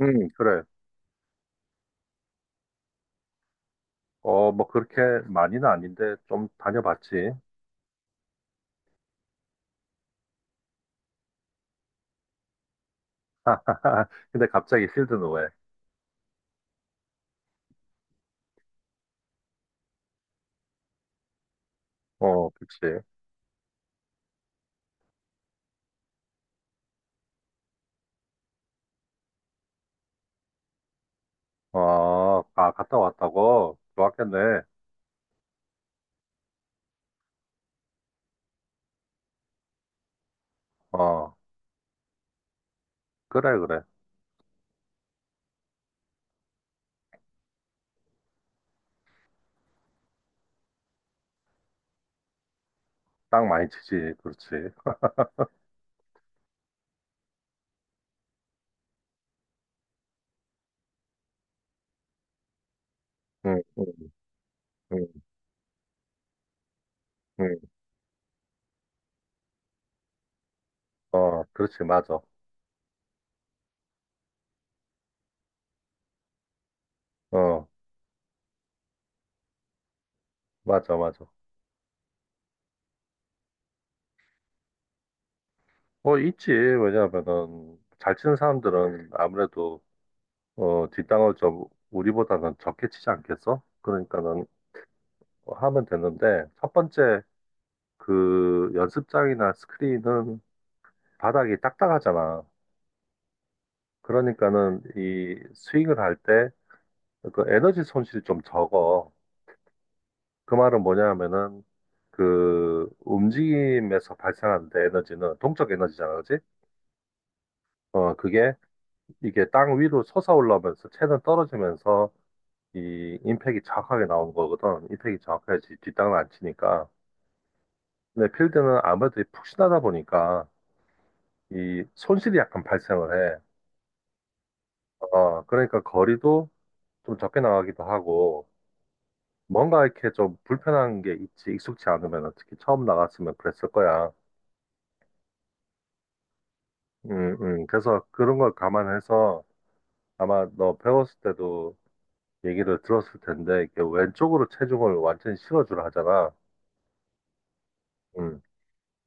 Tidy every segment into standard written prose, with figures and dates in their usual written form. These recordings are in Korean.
응, 그래. 어, 뭐 그렇게 많이는 아닌데 좀 다녀봤지. 근데 갑자기 필드는 왜? 어, 그치. 어, 아, 갔다 왔다고? 좋았겠네. 어, 그래, 그래. 땅 많이 치지. 그렇지. 응, 응, 응, 응. 어, 그렇지. 맞아. 어, 맞아, 맞아. 어, 있지. 왜냐하면은 잘 치는 사람들은 아무래도 어, 뒷땅을 좀 우리보다는 적게 치지 않겠어? 그러니까는 하면 되는데 첫 번째 그 연습장이나 스크린은 바닥이 딱딱하잖아. 그러니까는 이 스윙을 할 때 그 에너지 손실이 좀 적어. 그 말은 뭐냐 하면은 그 움직임에서 발생하는데 에너지는 동적 에너지잖아, 그지? 어, 그게 이게 땅 위로 솟아올라오면서 채는 떨어지면서 이 임팩이 정확하게 나오는 거거든. 임팩이 정확해야지 뒷땅을 안 치니까. 근데 필드는 아무래도 푹신하다 보니까 이 손실이 약간 발생을 해. 어, 그러니까 거리도 좀 적게 나가기도 하고, 뭔가 이렇게 좀 불편한 게 있지, 익숙치 않으면, 특히 처음 나갔으면 그랬을 거야. 그래서 그런 걸 감안해서 아마 너 배웠을 때도 얘기를 들었을 텐데, 이렇게 왼쪽으로 체중을 완전히 실어주라 하잖아. 음,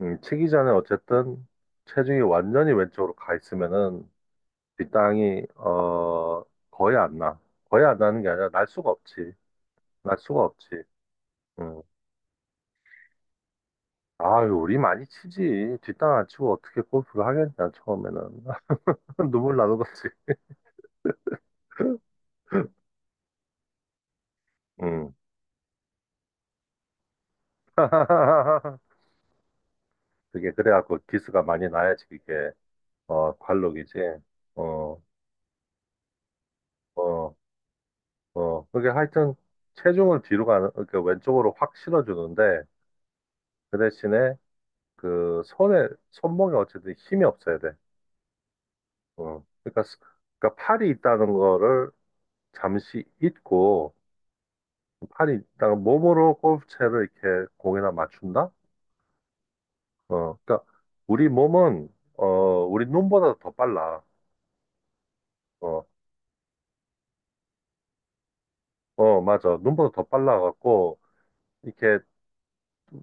치기 전에 어쨌든 체중이 완전히 왼쪽으로 가 있으면은 뒷땅이, 어, 거의 안 나. 거의 안 나는 게 아니라 날 수가 없지. 날 수가 없지. 음. 아유, 우리 많이 치지. 뒷땅 안 치고 어떻게 골프를 하겠냐, 처음에는. 눈물 나는 거지. 응. 그게 그래갖고 기스가 많이 나야지, 그게. 어, 관록이지. 어, 어, 어. 그게 하여튼 체중을 뒤로 가는, 그러니까 왼쪽으로 확 실어주는데, 그 대신에 그 손에, 손목에 어쨌든 힘이 없어야 돼. 어. 그러니까, 그러니까 팔이 있다는 거를 잠시 잊고, 팔이 있다가 몸으로 골프채를 이렇게 공에다 맞춘다? 어, 그러니까 우리 몸은 어, 우리 눈보다 더 빨라. 어, 어, 맞아. 눈보다 더 빨라 갖고 이렇게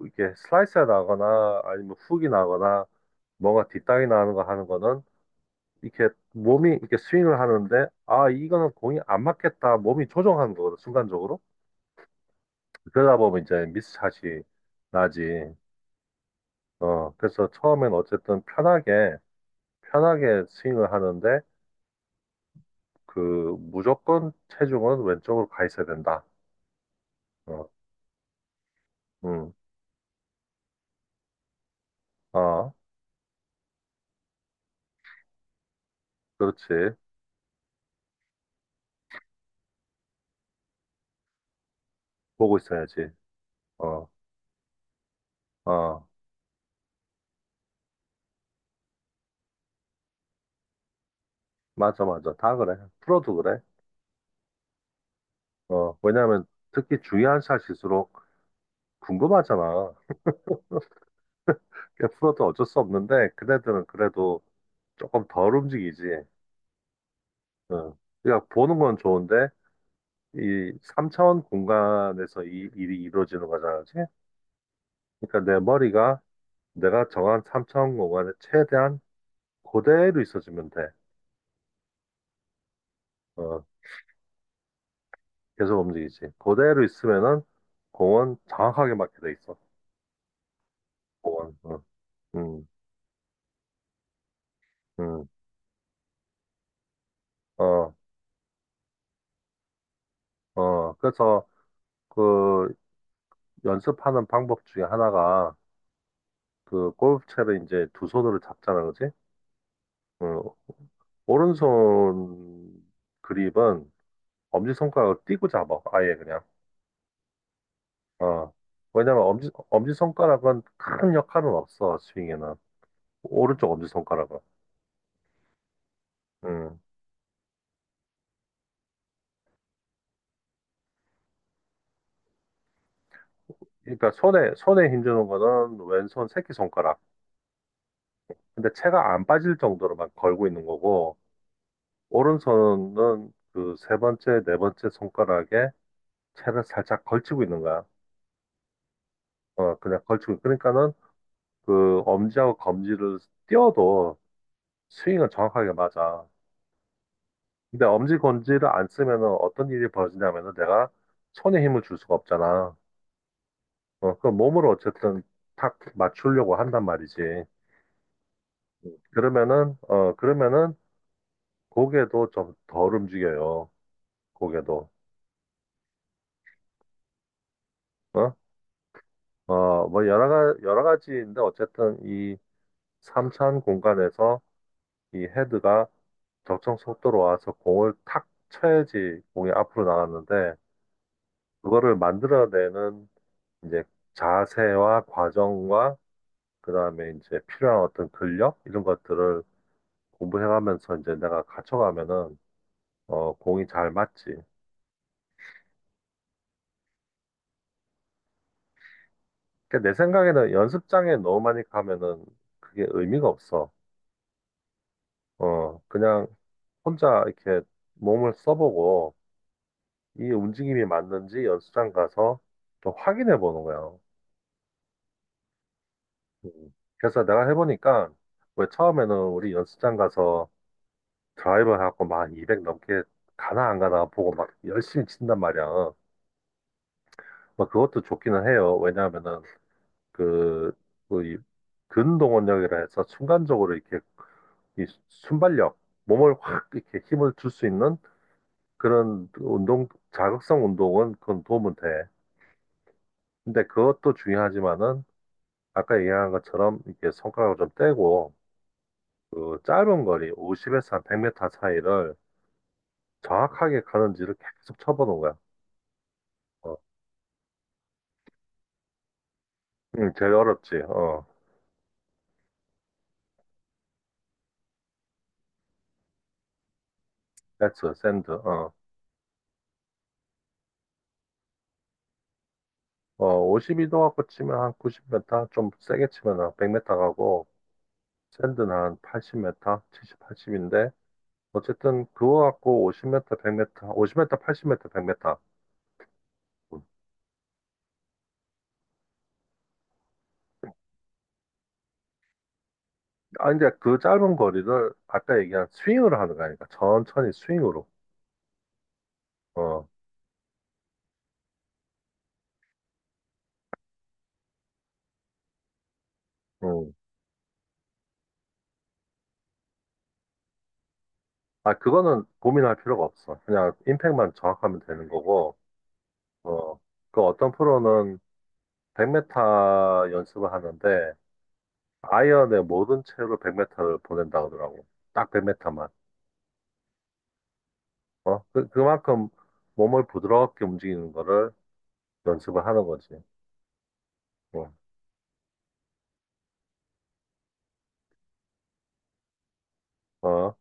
이렇게 슬라이스 나거나 아니면 훅이 나거나 뭔가 뒷땅이 나는 거 하는 거는 이렇게 몸이 이렇게 스윙을 하는데 아, 이거는 공이 안 맞겠다. 몸이 조정하는 거거든, 순간적으로. 그러다 보면 이제 미스샷이 나지. 어, 그래서 처음엔 어쨌든 편하게 편하게 스윙을 하는데 그 무조건 체중은 왼쪽으로 가 있어야 된다. 어, 응, 어, 그렇지. 보고 있어야지. 어, 어, 맞아, 맞아. 다 그래. 프로도 그래. 어, 왜냐면 특히 중요한 샷일수록 궁금하잖아. 그러니까 프로도 어쩔 수 없는데, 그네들은 그래도 조금 덜 움직이지. 응. 그러니까 보는 건 좋은데, 이 3차원 공간에서 이 일이 이루어지는 거잖아. 그치? 그러니까 내 머리가 내가 정한 3차원 공간에 최대한 그대로 있어주면 돼. 어, 계속 움직이지. 그대로 있으면은 공은 정확하게 맞게 돼 있어. 공은. 응, 응, 응. 어, 어. 그래서 그 연습하는 방법 중에 하나가 그 골프채를 이제 두 손으로 잡잖아, 그지? 응. 오른손 그립은 엄지손가락을 띄고 잡아. 아예 그냥. 어. 왜냐면 엄지손가락은 큰 역할은 없어, 스윙에는. 오른쪽 엄지손가락은. 응. 그러니까 손에 힘주는 거는 왼손 새끼손가락. 근데 채가 안 빠질 정도로만 걸고 있는 거고, 오른손은 그 세 번째, 네 번째 손가락에 채를 살짝 걸치고 있는 거야. 어, 그냥 걸치고. 그러니까는 그 엄지하고 검지를 띄워도 스윙은 정확하게 맞아. 근데 엄지, 검지를 안 쓰면은 어떤 일이 벌어지냐면은 내가 손에 힘을 줄 수가 없잖아. 어, 그 몸으로 어쨌든 탁 맞추려고 한단 말이지. 그러면은 고개도 좀 덜 움직여요. 고개도. 어? 어, 뭐 여러 가지인데 어쨌든 이 삼 차원 공간에서 이 헤드가 적정 속도로 와서 공을 탁 쳐야지 공이 앞으로 나갔는데 그거를 만들어내는 이제 자세와 과정과 그다음에 이제 필요한 어떤 근력 이런 것들을 공부해가면서 이제 내가 갖춰가면은 어 공이 잘 맞지. 그러니까 내 생각에는 연습장에 너무 많이 가면은 그게 의미가 없어. 어 그냥 혼자 이렇게 몸을 써보고 이 움직임이 맞는지 연습장 가서 또 확인해 보는 거예요. 음. 그래서 내가 해보니까 왜 처음에는 우리 연습장 가서 드라이버 해갖고 막 200 넘게 가나 안 가나 보고 막 열심히 친단 말이야. 뭐 그것도 좋기는 해요. 왜냐하면은 그, 그 이- 근동원력이라 해서 순간적으로 이렇게 이 순발력, 몸을 확 이렇게 힘을 줄 수 있는 그런 운동, 자극성 운동은 그건 도움은 돼. 근데 그것도 중요하지만은 아까 얘기한 것처럼 이렇게 손가락을 좀 떼고 그 짧은 거리 50m에서 한 100m 사이를 정확하게 가는지를 계속 쳐보는 거야. 어. 제일 어렵지. 어. 배트, 샌드. 어. 어, 52도 갖고 치면 한 90m, 좀 세게 치면 한 100m 가고 샌드는 한 80m, 70, 80인데 어쨌든 그거 갖고 50m, 100m, 50m, 80m, 100m. 아, 이제 그 짧은 거리를 아까 얘기한 스윙으로 하는 거아니까 천천히 스윙으로. 어. 음. 아, 그거는 고민할 필요가 없어. 그냥 임팩만 정확하면 되는 거고, 어, 그 어떤 프로는 100m 연습을 하는데, 아이언의 모든 채로 100m를 보낸다 그러더라고. 딱 100m만. 어, 그만큼 몸을 부드럽게 움직이는 거를 연습을 하는 거지. 어, 어,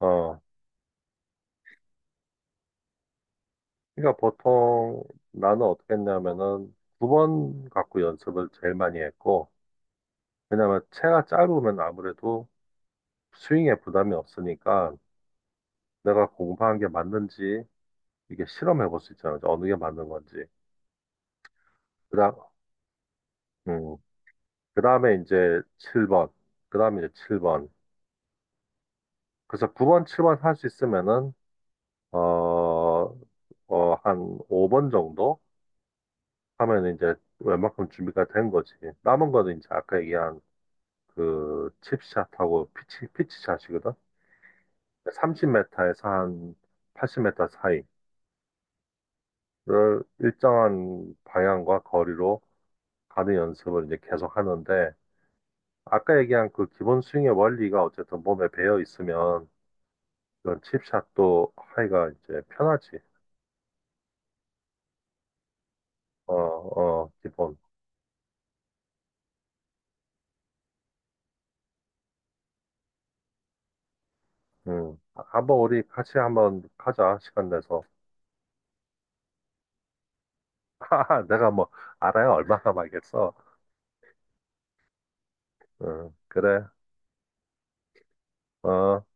어. 그러니까 보통 나는 어떻게 했냐면은 두 번 갖고 연습을 제일 많이 했고, 왜냐면 채가 짧으면 아무래도 스윙에 부담이 없으니까, 내가 공부한 게 맞는지 이게 실험해 볼 수 있잖아. 어느 게 맞는 건지. 그다음, 음, 그다음에 이제 7번. 그다음에 이제 7번. 그래서 9번, 7번 할 수 있으면은 어, 어, 한 5번 정도 하면 이제 웬만큼 준비가 된 거지. 남은 거는 이제 아까 얘기한 그 칩샷하고 피치샷이거든. 30m에서 한 80m 사이를 일정한 방향과 거리로 가는 연습을 이제 계속 하는데 아까 얘기한 그 기본 스윙의 원리가 어쨌든 몸에 배어 있으면 이런 칩샷도 하기가 이제 편하지. 어, 어, 기본. 음. 아, 한번 우리 같이 한번 가자, 시간 내서. 하하, 내가 뭐 알아야 얼마나 말겠어. 그래. 어.